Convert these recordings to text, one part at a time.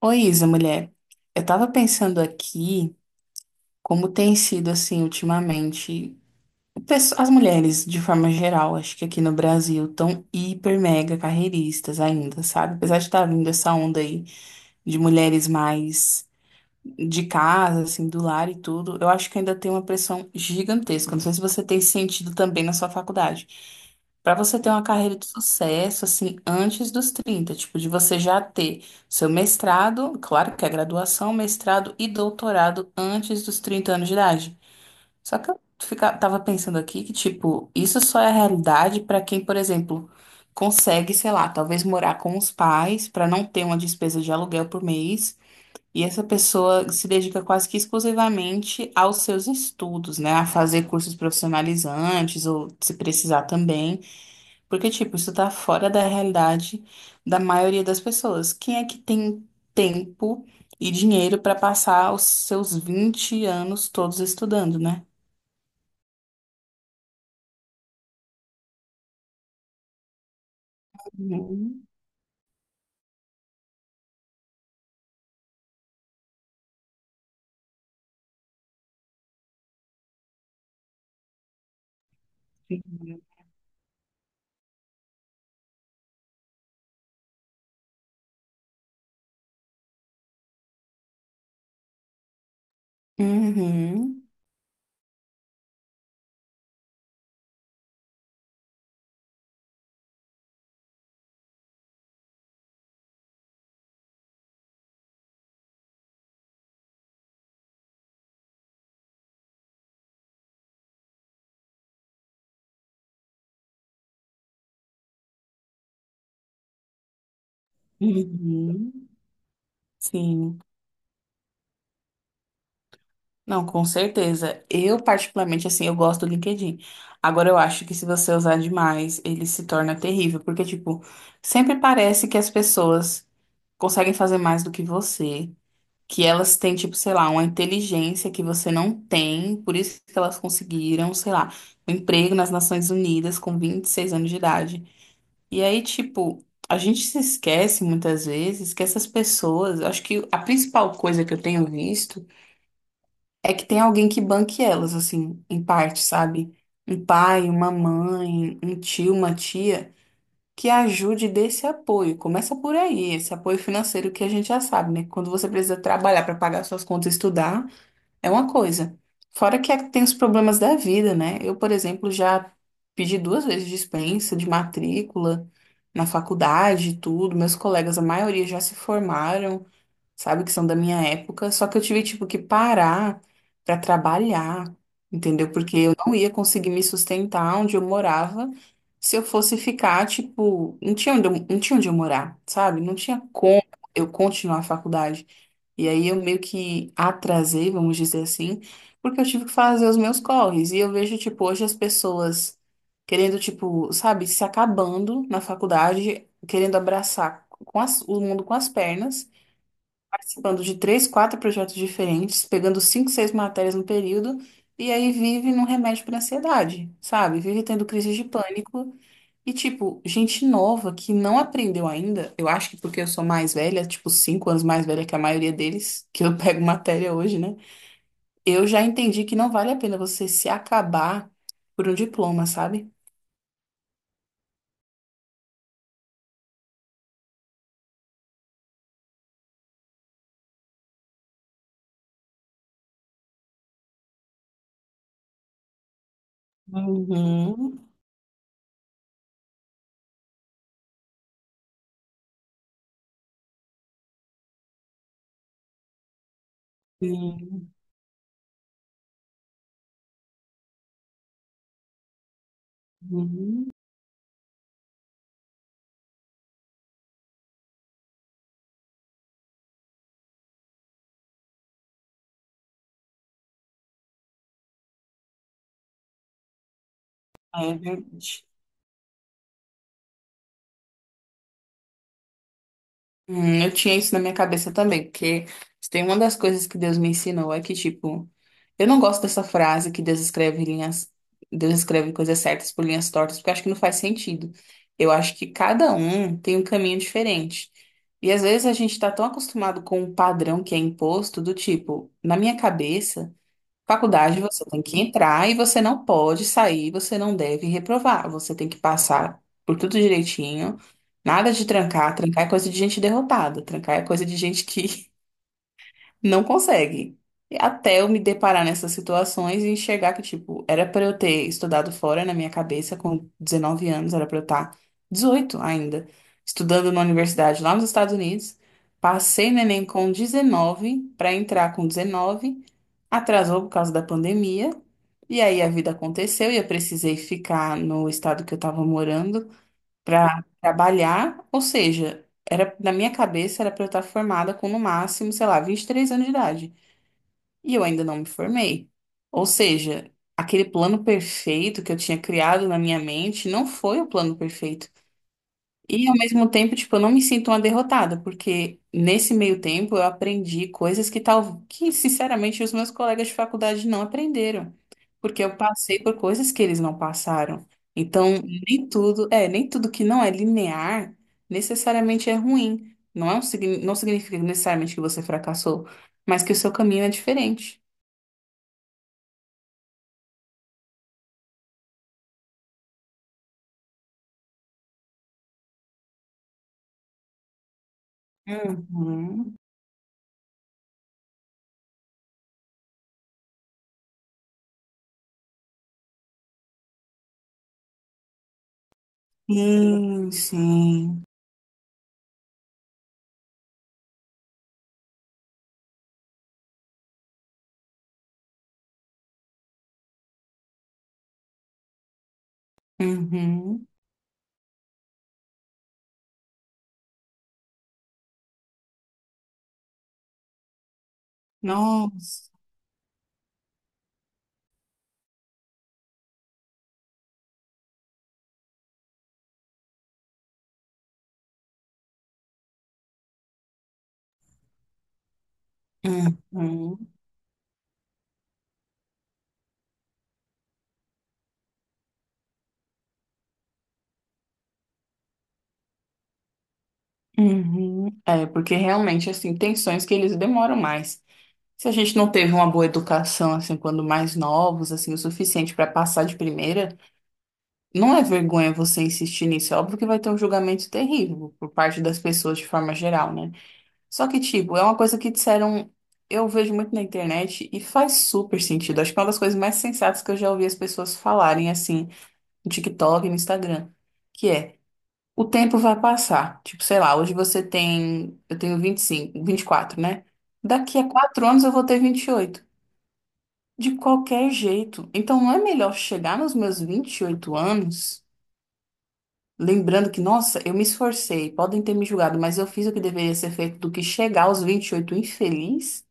Oi, Isa, mulher. Eu tava pensando aqui como tem sido assim ultimamente. As mulheres, de forma geral, acho que aqui no Brasil, tão hiper mega carreiristas ainda, sabe? Apesar de estar vindo essa onda aí de mulheres mais de casa, assim, do lar e tudo, eu acho que ainda tem uma pressão gigantesca. Não sei se você tem sentido também na sua faculdade. Para você ter uma carreira de sucesso, assim, antes dos 30 tipo, de você já ter seu mestrado, claro que é graduação, mestrado e doutorado antes dos 30 anos de idade. Só que eu fica, tava pensando aqui que, tipo, isso só é a realidade para quem, por exemplo, consegue, sei lá, talvez morar com os pais para não ter uma despesa de aluguel por mês e essa pessoa se dedica quase que exclusivamente aos seus estudos, né? A fazer cursos profissionalizantes ou se precisar também, porque, tipo, isso tá fora da realidade da maioria das pessoas. Quem é que tem tempo e dinheiro para passar os seus 20 anos todos estudando, né? Uhum. Sim. Uhum, uhum, sim. Não, com certeza. Eu, particularmente, assim, eu gosto do LinkedIn. Agora, eu acho que se você usar demais, ele se torna terrível, porque, tipo, sempre parece que as pessoas conseguem fazer mais do que você, que elas têm, tipo, sei lá, uma inteligência que você não tem, por isso que elas conseguiram, sei lá, um emprego nas Nações Unidas com 26 anos de idade. E aí, tipo, a gente se esquece muitas vezes que essas pessoas, acho que a principal coisa que eu tenho visto. É que tem alguém que banque elas, assim, em parte, sabe? Um pai, uma mãe, um tio, uma tia, que ajude e dê esse apoio. Começa por aí, esse apoio financeiro que a gente já sabe, né? Quando você precisa trabalhar para pagar suas contas e estudar, é uma coisa. Tem os problemas da vida, né? Eu, por exemplo, já pedi duas vezes dispensa de matrícula na faculdade e tudo. Meus colegas, a maioria já se formaram sabe? Que são da minha época. Só que eu tive, tipo, que parar pra trabalhar, entendeu? Porque eu não ia conseguir me sustentar onde eu morava se eu fosse ficar, tipo, não tinha onde eu morar, sabe? Não tinha como eu continuar a faculdade. E aí eu meio que atrasei, vamos dizer assim, porque eu tive que fazer os meus corres. E eu vejo, tipo, hoje as pessoas querendo, tipo, sabe, se acabando na faculdade, querendo abraçar o mundo com as pernas participando de três, quatro projetos diferentes, pegando cinco, seis matérias no período, e aí vive num remédio para ansiedade, sabe? Vive tendo crise de pânico. E, tipo, gente nova que não aprendeu ainda, eu acho que porque eu sou mais velha, tipo, 5 anos mais velha que a maioria deles, que eu pego matéria hoje, né? Eu já entendi que não vale a pena você se acabar por um diploma, sabe? Uhum. Uhum. É verdade. Eu tinha isso na minha cabeça também, porque se tem uma das coisas que Deus me ensinou é que, tipo, eu não gosto dessa frase que Deus escreve linhas, Deus escreve coisas certas por linhas tortas, porque eu acho que não faz sentido. Eu acho que cada um tem um caminho diferente. E às vezes a gente tá tão acostumado com um padrão que é imposto, do tipo, na minha cabeça. Faculdade você tem que entrar e você não pode sair, você não deve reprovar. Você tem que passar por tudo direitinho. Nada de trancar. Trancar é coisa de gente derrotada. Trancar é coisa de gente que não consegue. E até eu me deparar nessas situações e enxergar que, tipo, era pra eu ter estudado fora na minha cabeça com 19 anos, era pra eu estar 18 ainda, estudando numa universidade lá nos Estados Unidos. Passei no Enem com 19 pra entrar com 19. Atrasou por causa da pandemia. E aí a vida aconteceu e eu precisei ficar no estado que eu estava morando para trabalhar. Ou seja, era na minha cabeça era para eu estar formada com no máximo, sei lá, 23 anos de idade. E eu ainda não me formei. Ou seja, aquele plano perfeito que eu tinha criado na minha mente não foi o plano perfeito. E ao mesmo tempo, tipo, eu não me sinto uma derrotada, porque nesse meio tempo eu aprendi coisas que tal que sinceramente os meus colegas de faculdade não aprenderam, porque eu passei por coisas que eles não passaram. Então, nem tudo que não é linear necessariamente é ruim. Não significa necessariamente que você fracassou, mas que o seu caminho é diferente. Uhum. Sim, sim. Uhum. Nossa. Uhum. Uhum. É, porque realmente, assim, tem sonhos que eles demoram mais. Se a gente não teve uma boa educação, assim, quando mais novos, assim, o suficiente para passar de primeira, não é vergonha você insistir nisso. É óbvio que vai ter um julgamento terrível por parte das pessoas de forma geral, né? Só que, tipo, é uma coisa que disseram, eu vejo muito na internet e faz super sentido. Acho que é uma das coisas mais sensatas que eu já ouvi as pessoas falarem, assim, no TikTok e no Instagram. Que é o tempo vai passar. Tipo, sei lá, hoje você tem. Eu tenho 25, 24, né? Daqui a quatro anos eu vou ter 28. De qualquer jeito. Então não é melhor chegar nos meus 28 anos, lembrando que, nossa, eu me esforcei, podem ter me julgado, mas eu fiz o que deveria ser feito, do que chegar aos 28 infeliz,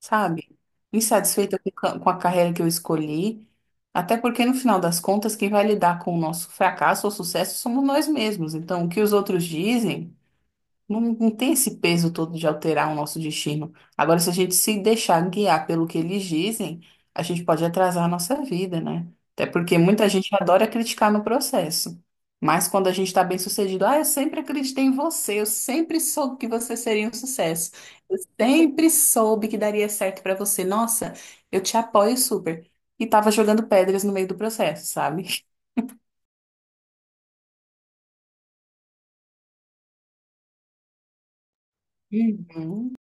sabe? Insatisfeita com a carreira que eu escolhi. Até porque, no final das contas, quem vai lidar com o nosso fracasso ou sucesso somos nós mesmos. Então, o que os outros dizem. Não tem esse peso todo de alterar o nosso destino. Agora, se a gente se deixar guiar pelo que eles dizem, a gente pode atrasar a nossa vida, né? Até porque muita gente adora criticar no processo. Mas quando a gente está bem sucedido, ah, eu sempre acreditei em você, eu sempre soube que você seria um sucesso. Eu sempre soube que daria certo para você. Nossa, eu te apoio super. E tava jogando pedras no meio do processo, sabe?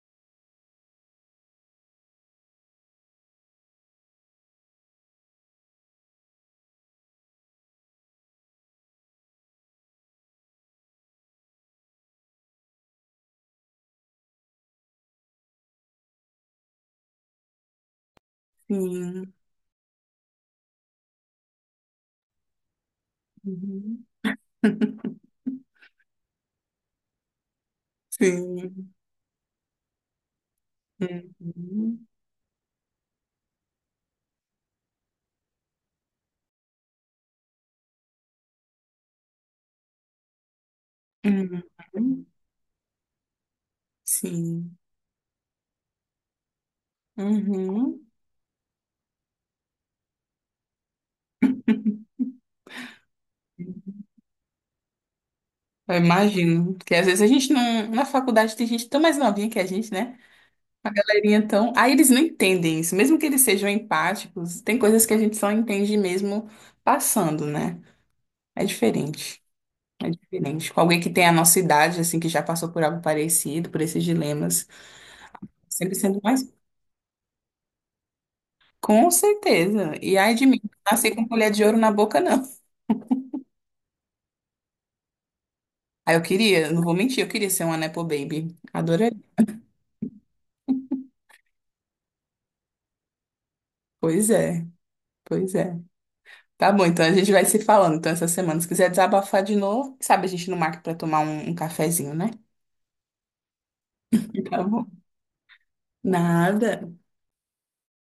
Uhum. Sim. Uhum. Sim. Uhum. Uhum. Sim. Uhum. Eu imagino. Porque às vezes a gente não. Na faculdade tem gente tão mais novinha que a gente, né? A galerinha tão. Aí eles não entendem isso. Mesmo que eles sejam empáticos, tem coisas que a gente só entende mesmo passando, né? É diferente. É diferente. Com alguém que tem a nossa idade, assim, que já passou por algo parecido, por esses dilemas, sempre sendo mais. Com certeza. E ai de mim, não nasci com colher de ouro na boca, não. Aí eu queria, não vou mentir, eu queria ser uma Nepo Baby. Pois é, pois é. Tá bom, então a gente vai se falando. Então, essa semana, se quiser desabafar de novo, sabe, a gente não marca pra tomar um cafezinho, né? Tá bom. Nada.